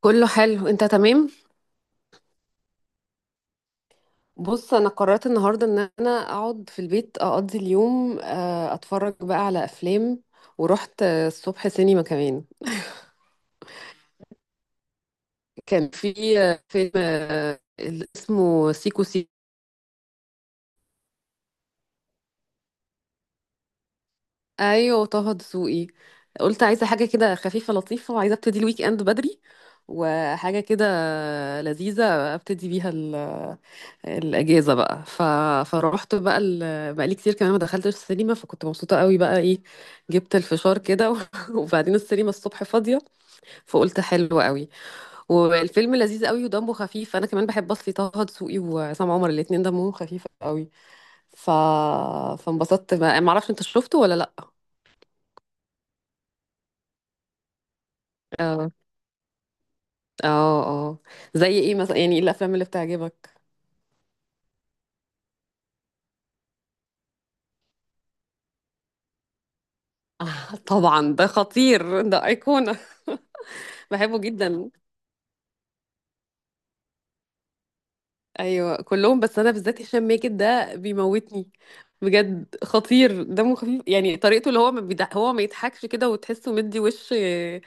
كله حلو، انت تمام. بص، انا قررت النهارده ان انا اقعد في البيت اقضي اليوم، اتفرج بقى على افلام. ورحت الصبح سينما كمان. كان في فيلم اللي اسمه سيكو سيكو. ايوه، طه دسوقي. قلت عايزه حاجه كده خفيفه لطيفه، وعايزه ابتدي الويك اند بدري، وحاجه كده لذيذه ابتدي بيها الاجازه بقى فروحت بقى بقى لي كتير كمان ما دخلتش السينما، فكنت مبسوطه قوي بقى، ايه جبت الفشار كده وبعدين السينما الصبح فاضيه. فقلت حلو قوي. والفيلم لذيذ قوي ودمه خفيف. انا كمان بحب اصلي طه دسوقي وعصام عمر، الاتنين دمهم خفيف قوي. ف... فانبسطت بقى. ما اعرفش انت شفته ولا لا. اه، اه، اه. زي ايه مثلا؟ يعني ايه الافلام اللي بتعجبك؟ آه، طبعا ده خطير، ده ايقونه. بحبه جدا. ايوه، كلهم. بس انا بالذات هشام ماجد ده بيموتني. بجد خطير، دمه خفيف يعني. طريقته اللي هو ما بيضح هو ما يضحكش كده، وتحسه مدي وش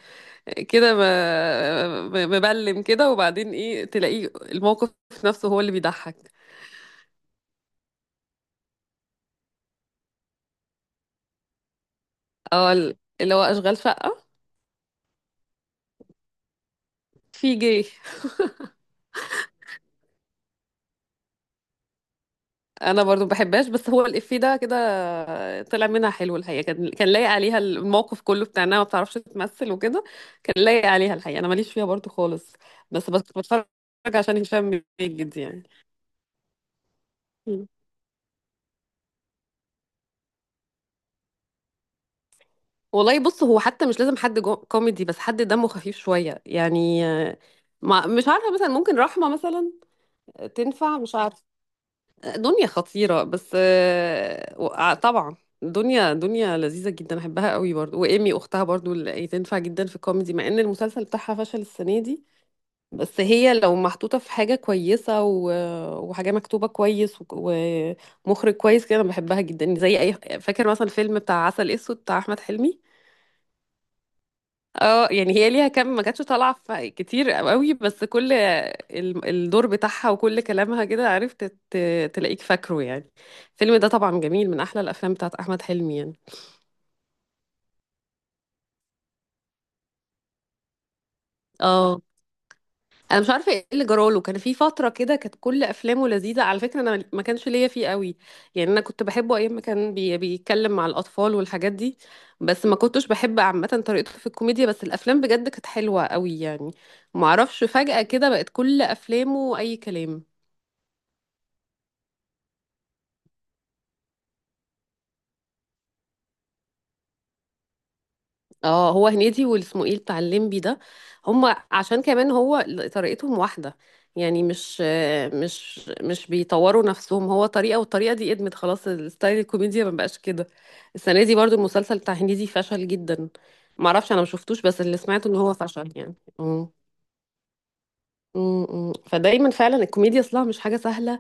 كده مبلم كده، وبعدين ايه تلاقيه الموقف نفسه هو اللي بيضحك. اه، اللي هو اشغال شقة. في جه. انا برضو ما بحبهاش، بس هو الافيه ده كده طلع منها حلو الحقيقه، كان لايق عليها الموقف كله بتاع انها ما بتعرفش تمثل وكده. كان لايق عليها الحقيقه، انا ماليش فيها برضو خالص. بس بتفرج، عشان هشام ماجد يعني. مم. والله بص، هو حتى مش لازم حد كوميدي، بس حد دمه خفيف شويه يعني، ما مش عارفه، مثلا ممكن رحمه مثلا. تنفع، مش عارفه. دنيا خطيرة، بس طبعا. دنيا لذيذة جدا، احبها قوي برضو. وإيمي اختها برضو اللي يعني تنفع جدا في الكوميدي، مع ان المسلسل بتاعها فشل السنة دي. بس هي لو محطوطة في حاجة كويسة وحاجة مكتوبة كويس ومخرج كويس كده، انا بحبها جدا زي اي. فاكر مثلا فيلم بتاع عسل اسود بتاع احمد حلمي. اه، يعني هي ليها كام، ما كانتش طالعه كتير قوي، بس كل الدور بتاعها وكل كلامها كده عرفت تلاقيك فاكره يعني. الفيلم ده طبعا جميل، من احلى الافلام بتاعت احمد حلمي يعني. اه، انا مش عارفه ايه اللي جراله. كان في فتره كده كانت كل افلامه لذيذه. على فكره انا ما كانش ليا فيه قوي. يعني انا كنت بحبه ايام ما كان بيتكلم مع الاطفال والحاجات دي. بس ما كنتش بحب عامه طريقته في الكوميديا، بس الافلام بجد كانت حلوه قوي يعني. ما اعرفش، فجاه كده بقت كل افلامه اي كلام. اه، هو هنيدي واسمه ايه بتاع الليمبي ده. هما عشان كمان هو طريقتهم واحدة يعني، مش بيطوروا نفسهم. هو طريقة، والطريقة دي ادمت خلاص، الستايل الكوميديا ما بقاش كده. السنة دي برضو المسلسل بتاع هنيدي فشل جدا. معرفش، انا ما شفتوش، بس اللي سمعته ان هو فشل يعني. امم فدايما فعلا الكوميديا اصلها مش حاجة سهلة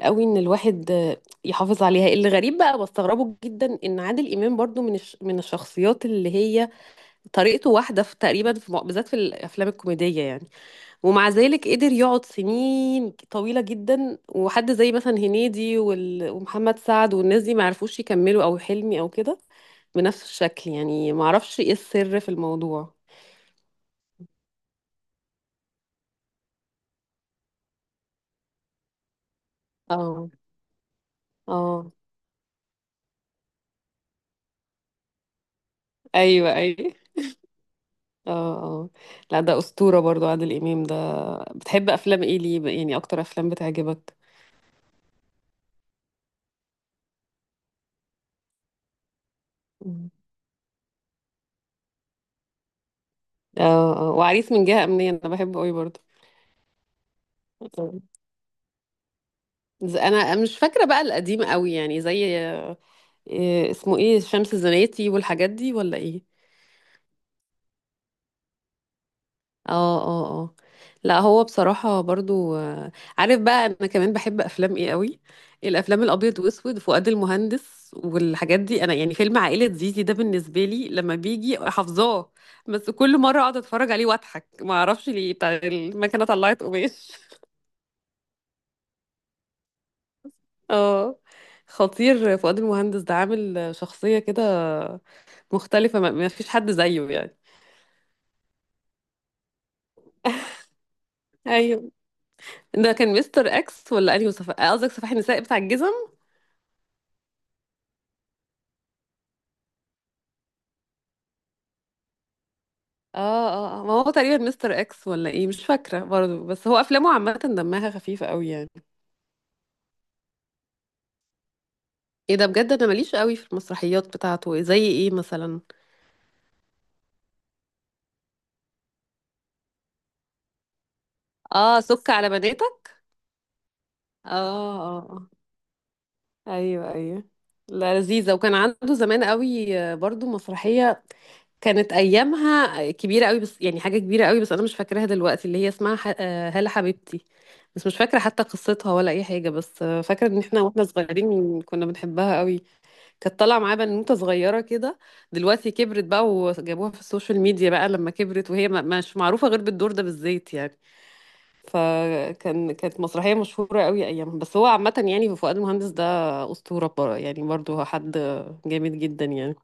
قوي، ان الواحد يحافظ عليها. اللي غريب بقى بستغربه جدا ان عادل امام برضو من الشخصيات اللي هي طريقته واحدة في تقريبا بالذات في الأفلام الكوميدية يعني. ومع ذلك قدر يقعد سنين طويلة جدا، وحد زي مثلا هنيدي ومحمد سعد والناس دي ما عرفوش يكملوا، أو حلمي أو كده، بنفس الشكل يعني. ما أعرفش إيه السر في الموضوع. اه، اه، أيوه، أيوه، اه، اه. لا، ده أسطورة برضو، عادل إمام ده. بتحب أفلام إيه؟ ليه يعني؟ أكتر أفلام بتعجبك؟ مم. اه، اه، وعريس من جهة أمنية أنا بحبه أوي. برضو انا مش فاكره بقى القديم قوي يعني، زي إيه اسمه، ايه شمس الزناتي والحاجات دي ولا ايه؟ اه، اه، اه. لا، هو بصراحه برضو عارف بقى، انا كمان بحب افلام ايه قوي. الافلام الابيض واسود، فؤاد المهندس والحاجات دي. انا يعني فيلم عائله زيزي ده بالنسبه لي، لما بيجي حافظاه. بس كل مره اقعد اتفرج عليه واضحك، ما اعرفش ليه، بتاع المكنه طلعت قماش. اه، خطير فؤاد المهندس ده، عامل شخصيه كده مختلفة، ما فيش حد زيه يعني. ايوه، ده كان مستر اكس ولا انهي؟ صفحة قصدك؟ صفاح النساء بتاع الجزم؟ اه، اه، آه. ما هو تقريبا مستر اكس ولا ايه، مش فاكرة برضه. بس هو افلامه عامة دمها خفيفة قوي يعني. ايه ده؟ بجد انا ماليش قوي في المسرحيات بتاعته. زي ايه مثلا؟ اه، سك على بناتك. اه، اه، ايوه، ايوه. لا، لذيذه. وكان عنده زمان قوي برضو مسرحيه كانت ايامها كبيره قوي، بس يعني حاجه كبيره قوي، بس انا مش فاكراها دلوقتي، اللي هي اسمها هلا حبيبتي. بس مش فاكره حتى قصتها ولا اي حاجه، بس فاكره ان احنا واحنا صغيرين كنا بنحبها قوي. كانت طالعه معاه بنوته صغيره كده. دلوقتي كبرت بقى وجابوها في السوشيال ميديا بقى لما كبرت، وهي مش معروفه غير بالدور ده، بالزيت يعني. كانت مسرحية مشهورة قوي أيامها. بس هو عامة يعني فؤاد المهندس ده أسطورة يعني برضو، هو حد جامد جدا يعني.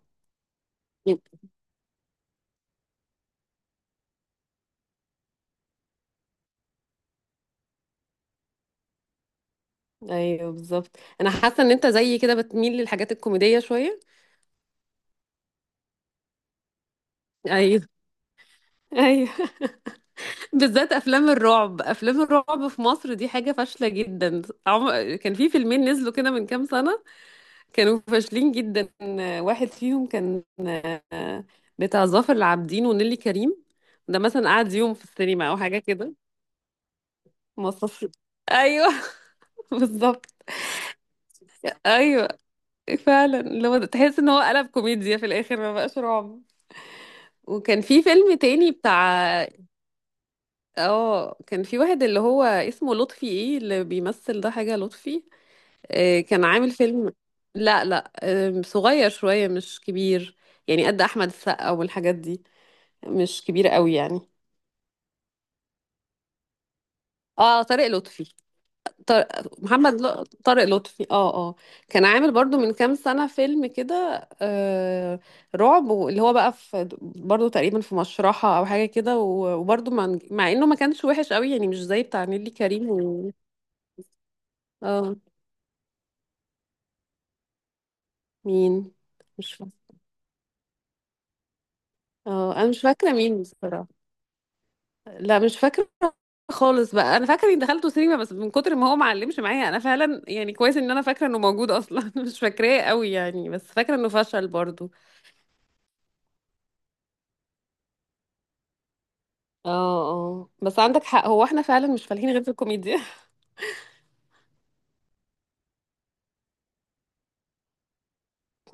أيوه، بالظبط. أنا حاسة إن أنت زيي كده بتميل للحاجات الكوميدية شوية. أيوه، أيوه. بالذات أفلام الرعب في مصر دي حاجة فاشلة جدا. كان في فيلمين نزلوا كده من كام سنة. كانوا فاشلين جدا. واحد فيهم كان بتاع ظافر العابدين ونيلي كريم. ده مثلا قعد يوم في السينما أو حاجة كده. مصاص. ايوه. بالظبط. ايوه، فعلا، اللي هو تحس ان هو قلب كوميديا في الاخر، ما بقاش رعب. وكان في فيلم تاني بتاع اه، كان في واحد اللي هو اسمه لطفي، ايه اللي بيمثل ده حاجة لطفي. آه، كان عامل فيلم. لا، لا. آه، صغير شوية مش كبير. يعني قد احمد السقا والحاجات دي. مش كبير قوي يعني. اه، طارق لطفي. طارق لطفي. اه، اه. كان عامل برضو من كام سنة فيلم كده، آه رعب، اللي هو بقى في برضو تقريبا في مشرحة او حاجة كده وبرضو مع انه ما كانش وحش قوي يعني، مش زي بتاع نيلي كريم اه، مين؟ مش فاكرة. اه، انا مش فاكرة مين بصراحة. لا، مش فاكرة خالص بقى. انا فاكرة اني دخلته سينما بس من كتر ما هو ما علمش معايا انا فعلا، يعني كويس ان انا فاكرة انه موجود اصلا. مش فاكراه قوي يعني، بس فاكرة انه فشل برضو. اه، اه، بس عندك حق. هو احنا فعلا مش فالحين غير في الكوميديا.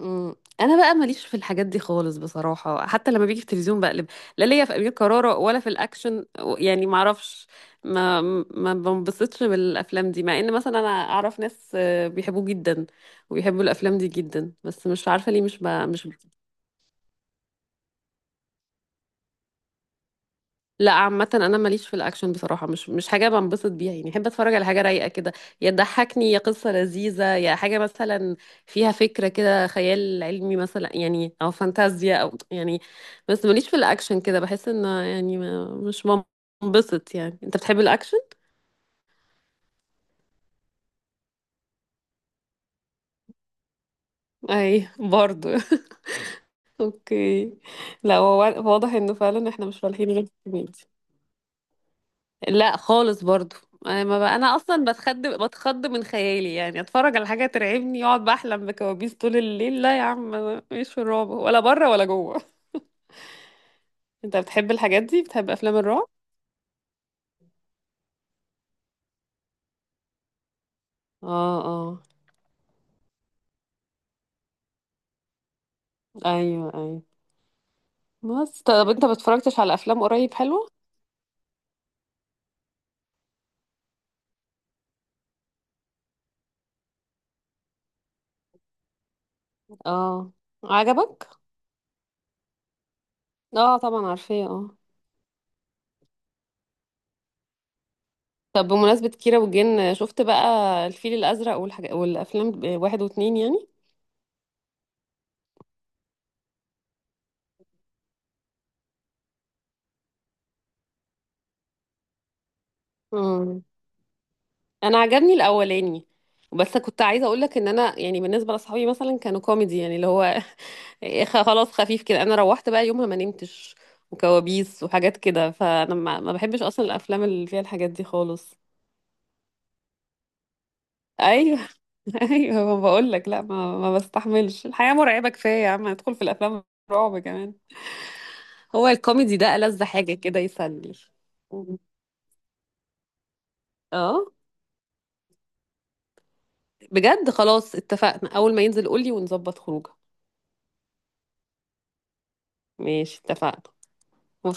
أمم. انا بقى ماليش في الحاجات دي خالص بصراحه، حتى لما بيجي في التلفزيون بقلب. لا ليا في امير كرارة ولا في الاكشن يعني معرفش. ما ما بنبسطش بالافلام دي، مع ان مثلا انا اعرف ناس بيحبوه جدا. وبيحبوا الافلام دي جدا، بس مش عارفه ليه، مش مش. لا، عامة أنا ماليش في الأكشن بصراحة، مش حاجة بنبسط بيها يعني. أحب أتفرج على حاجة رايقة كده، يا تضحكني يا قصة لذيذة يا حاجة مثلا فيها فكرة كده، خيال علمي مثلا يعني، أو فانتازيا أو يعني. بس ماليش في الأكشن كده، بحس إن يعني مش بنبسط يعني. أنت بتحب الأكشن؟ أي، برضو. أوكي. لا، هو واضح إنه فعلا إحنا مش فالحين غير في الكوميديا. لا، خالص برضو. انا ما بقى انا اصلا بتخض بتخض من خيالي، يعني اتفرج على حاجه ترعبني يقعد بحلم بكوابيس طول الليل. لا يا عم، أنا مش في الرعب ولا بره ولا جوه. انت بتحب الحاجات دي؟ بتحب افلام الرعب؟ اه، اه، ايوه، ايوه. بس طب انت ما اتفرجتش على افلام قريب حلوه؟ اه، عجبك؟ اه، طبعا عارفاه. اه. طب بمناسبه كيرة والجن، شفت بقى الفيل الازرق والحاجات، والافلام واحد واتنين؟ يعني انا عجبني الاولاني. بس كنت عايزه اقول لك ان انا يعني بالنسبه لاصحابي مثلا كانوا كوميدي يعني، اللي هو خلاص خفيف كده، انا روحت بقى يومها ما نمتش، وكوابيس وحاجات كده. فانا ما بحبش اصلا الافلام اللي فيها الحاجات دي خالص. ايوه. ايوه، ما بقول لك لا، ما بستحملش. الحياه مرعبه كفايه يا عم، ندخل في الافلام رعب كمان؟ هو الكوميدي ده ألذ حاجه كده، يسلي. مم. اه، بجد، خلاص اتفقنا. اول ما ينزل قولي ونظبط خروجه. ماشي، اتفقنا.